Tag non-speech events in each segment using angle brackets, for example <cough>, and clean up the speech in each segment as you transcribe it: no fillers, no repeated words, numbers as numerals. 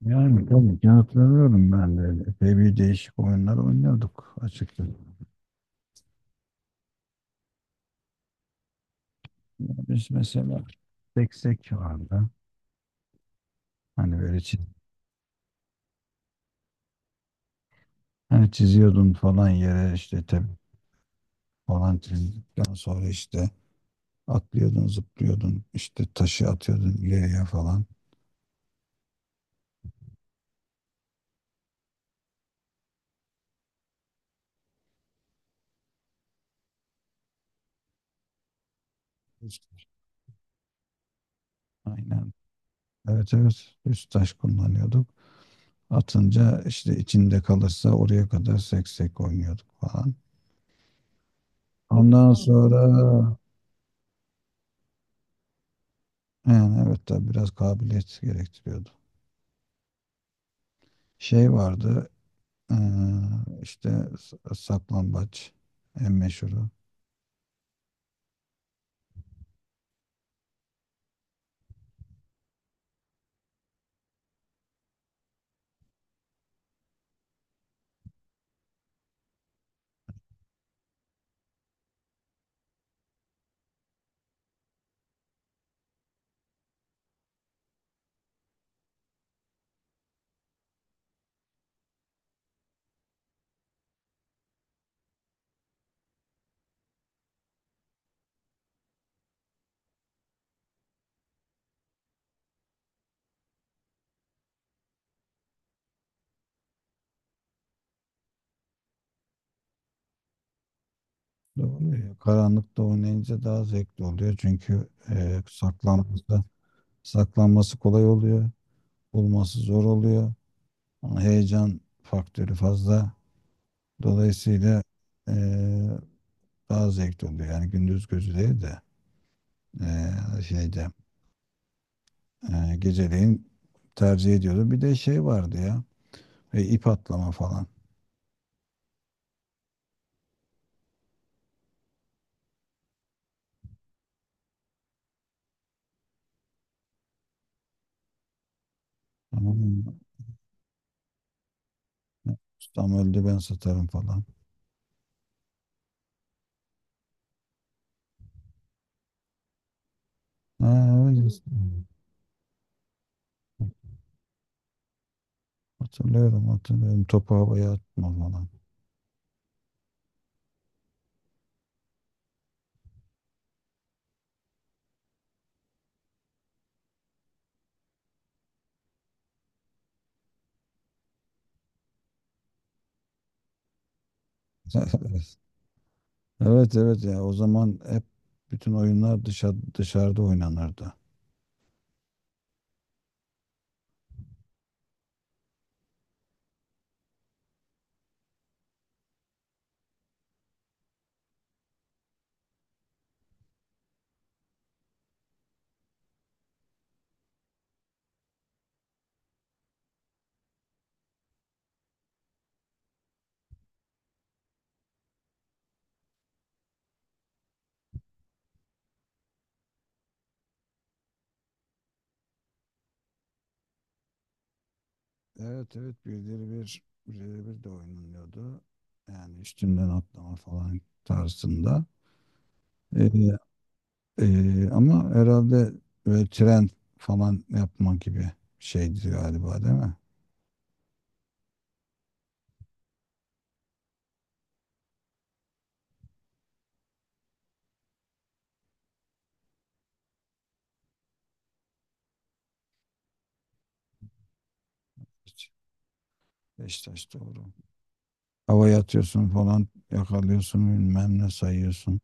Yani tabii ki hatırlıyorum ben de. Epey bir değişik oyunlar oynuyorduk açıkçası. Ya biz mesela seksek vardı. Hani böyle çiz, hani çiziyordun falan yere işte tep falan çizdikten sonra işte atlıyordun, zıplıyordun, işte taşı atıyordun ileriye falan. Aynen. Evet, evet. Üst taş kullanıyorduk. Atınca işte içinde kalırsa oraya kadar seksek oynuyorduk falan. Ondan sonra yani evet tabii biraz kabiliyet gerektiriyordu. Şey vardı eee, işte saklambaç en meşhuru. Doğru ya. Karanlıkta oynayınca daha zevkli oluyor çünkü saklanması kolay oluyor. Bulması zor oluyor. Ama heyecan faktörü fazla. Dolayısıyla eee, daha zevkli oluyor. Yani gündüz gözü değil de şeyde geceleyin tercih ediyordu. Bir de şey vardı ya. E, ip atlama falan. Hmm. Ustam öldü ben satarım falan. Ha, öyle işte. Hatırlıyorum, hatırlıyorum. Topu havaya atma falan. <laughs> Evet, evet ya, o zaman hep bütün oyunlar dışarıda oynanırdı. Evet, evet, birileri bir birileri bir de oynanıyordu. Yani üstünden atlama falan tarzında. Ee, ama herhalde böyle tren falan yapma gibi bir şeydi galiba, değil mi? Hiç. Beşiktaş doğru. Havaya atıyorsun falan, yakalıyorsun, bilmem ne sayıyorsun.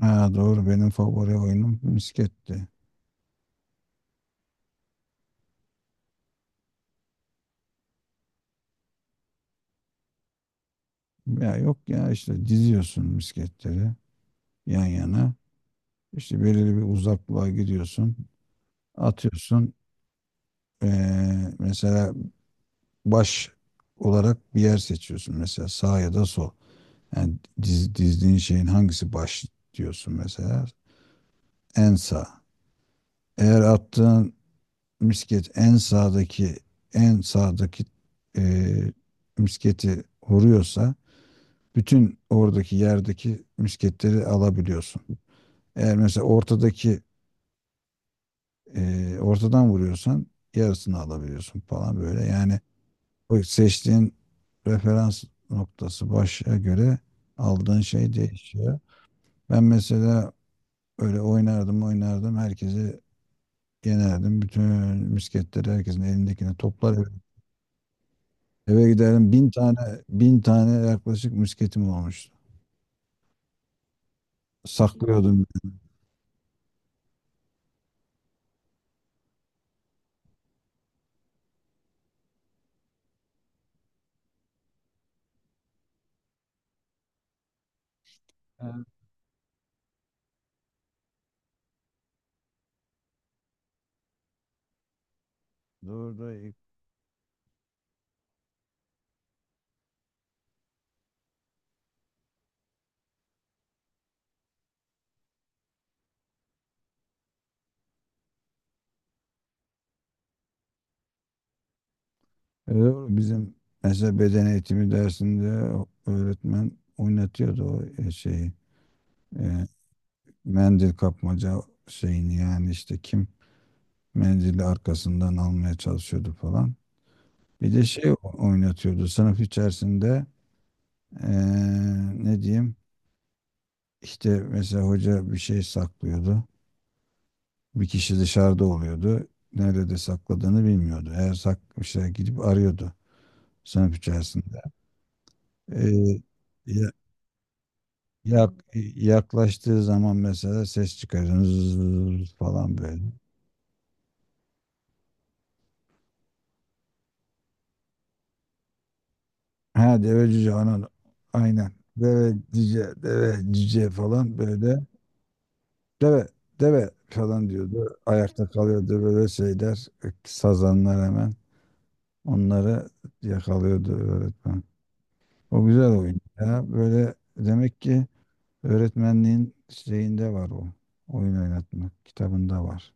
Ha, doğru, benim favori oyunum misketti. Ya yok ya, işte diziyorsun misketleri yan yana. İşte belirli bir uzaklığa gidiyorsun. Atıyorsun. Mesela baş olarak bir yer seçiyorsun. Mesela sağ ya da sol. Yani dizdiğin şeyin hangisi baş diyorsun mesela? En sağ. Eğer attığın misket en sağdaki eee, misketi vuruyorsa bütün oradaki yerdeki misketleri alabiliyorsun. Eğer mesela ortadaki ortadan vuruyorsan yarısını alabiliyorsun falan böyle. Yani o seçtiğin referans noktası başa göre aldığın şey değişiyor. Ben mesela öyle oynardım herkesi yenerdim. Bütün misketleri, herkesin elindekini toplar eve, eve giderdim. Bin tane yaklaşık misketim olmuştu. Saklıyordum. Evet. Doğru da iyi. E, doğru. Bizim mesela beden eğitimi dersinde öğretmen oynatıyordu o e, şeyi. E, mendil kapmaca şeyini, yani işte kim mendili arkasından almaya çalışıyordu falan. Bir de şey oynatıyordu sınıf içerisinde, e, ne diyeyim, İşte mesela hoca bir şey saklıyordu. Bir kişi dışarıda oluyordu. Nerede de sakladığını bilmiyordu. Eğer saklamışsa gidip arıyordu sınıf içerisinde. Ee, ya- yak- yaklaştığı zaman mesela ses çıkarıyor. Zzzz falan böyle. Ha, deve cüce anan aynen. Deve cüce, deve cüce falan böyle. Deve, deve falan diyordu. Ayakta kalıyordu böyle şeyler. Sazanlar hemen. Onları yakalıyordu öğretmen. O güzel oyun ya. Böyle demek ki öğretmenliğin şeyinde var o. Oyun oynatmak kitabında var.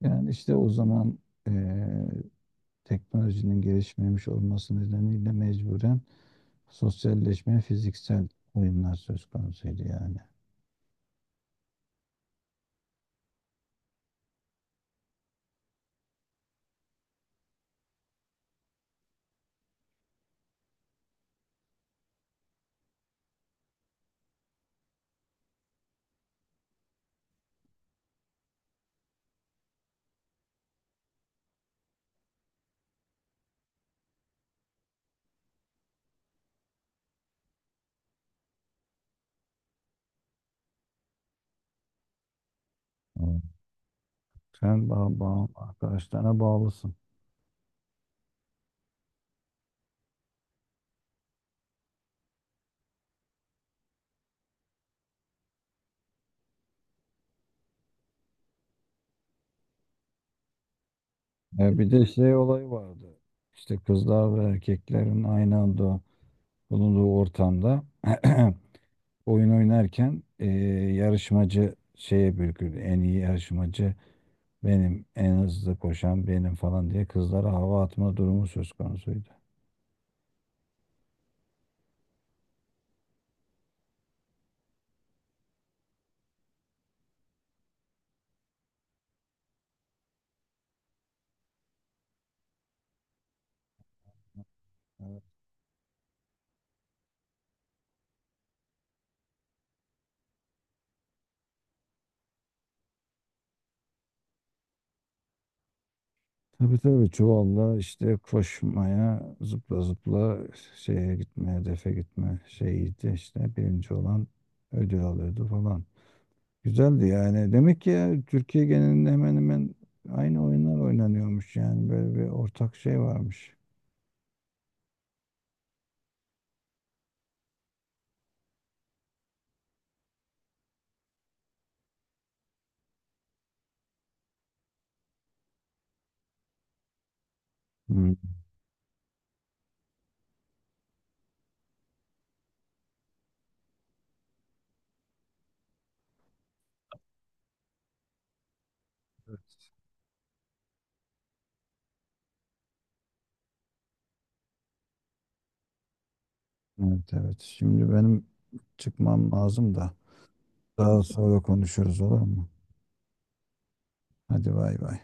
Yani işte o zaman eee, teknolojinin gelişmemiş olması nedeniyle mecburen sosyalleşme, fiziksel oyunlar söz konusuydu yani. Hmm. Sen arkadaşlarına bağlısın. E, bir de şey olayı vardı. İşte kızlar ve erkeklerin aynı anda bulunduğu ortamda <clears throat> oyun oynarken yarışmacı şeye bürkürdü. En iyi yarışmacı benim, en hızlı koşan benim falan diye kızlara hava atma durumu söz konusuydu. Evet. Tabii, tabii, çuvalla işte koşmaya, zıpla zıpla şeye gitme, hedefe gitme şeyiydi, işte birinci olan ödül alıyordu falan. Güzeldi yani. Demek ki ya, Türkiye genelinde hemen hemen aynı oyunlar oynanıyormuş, yani böyle bir ortak şey varmış. Hmm. Evet, evet. Şimdi benim çıkmam lazım da daha sonra konuşuruz, olur mu? Hadi bay bay.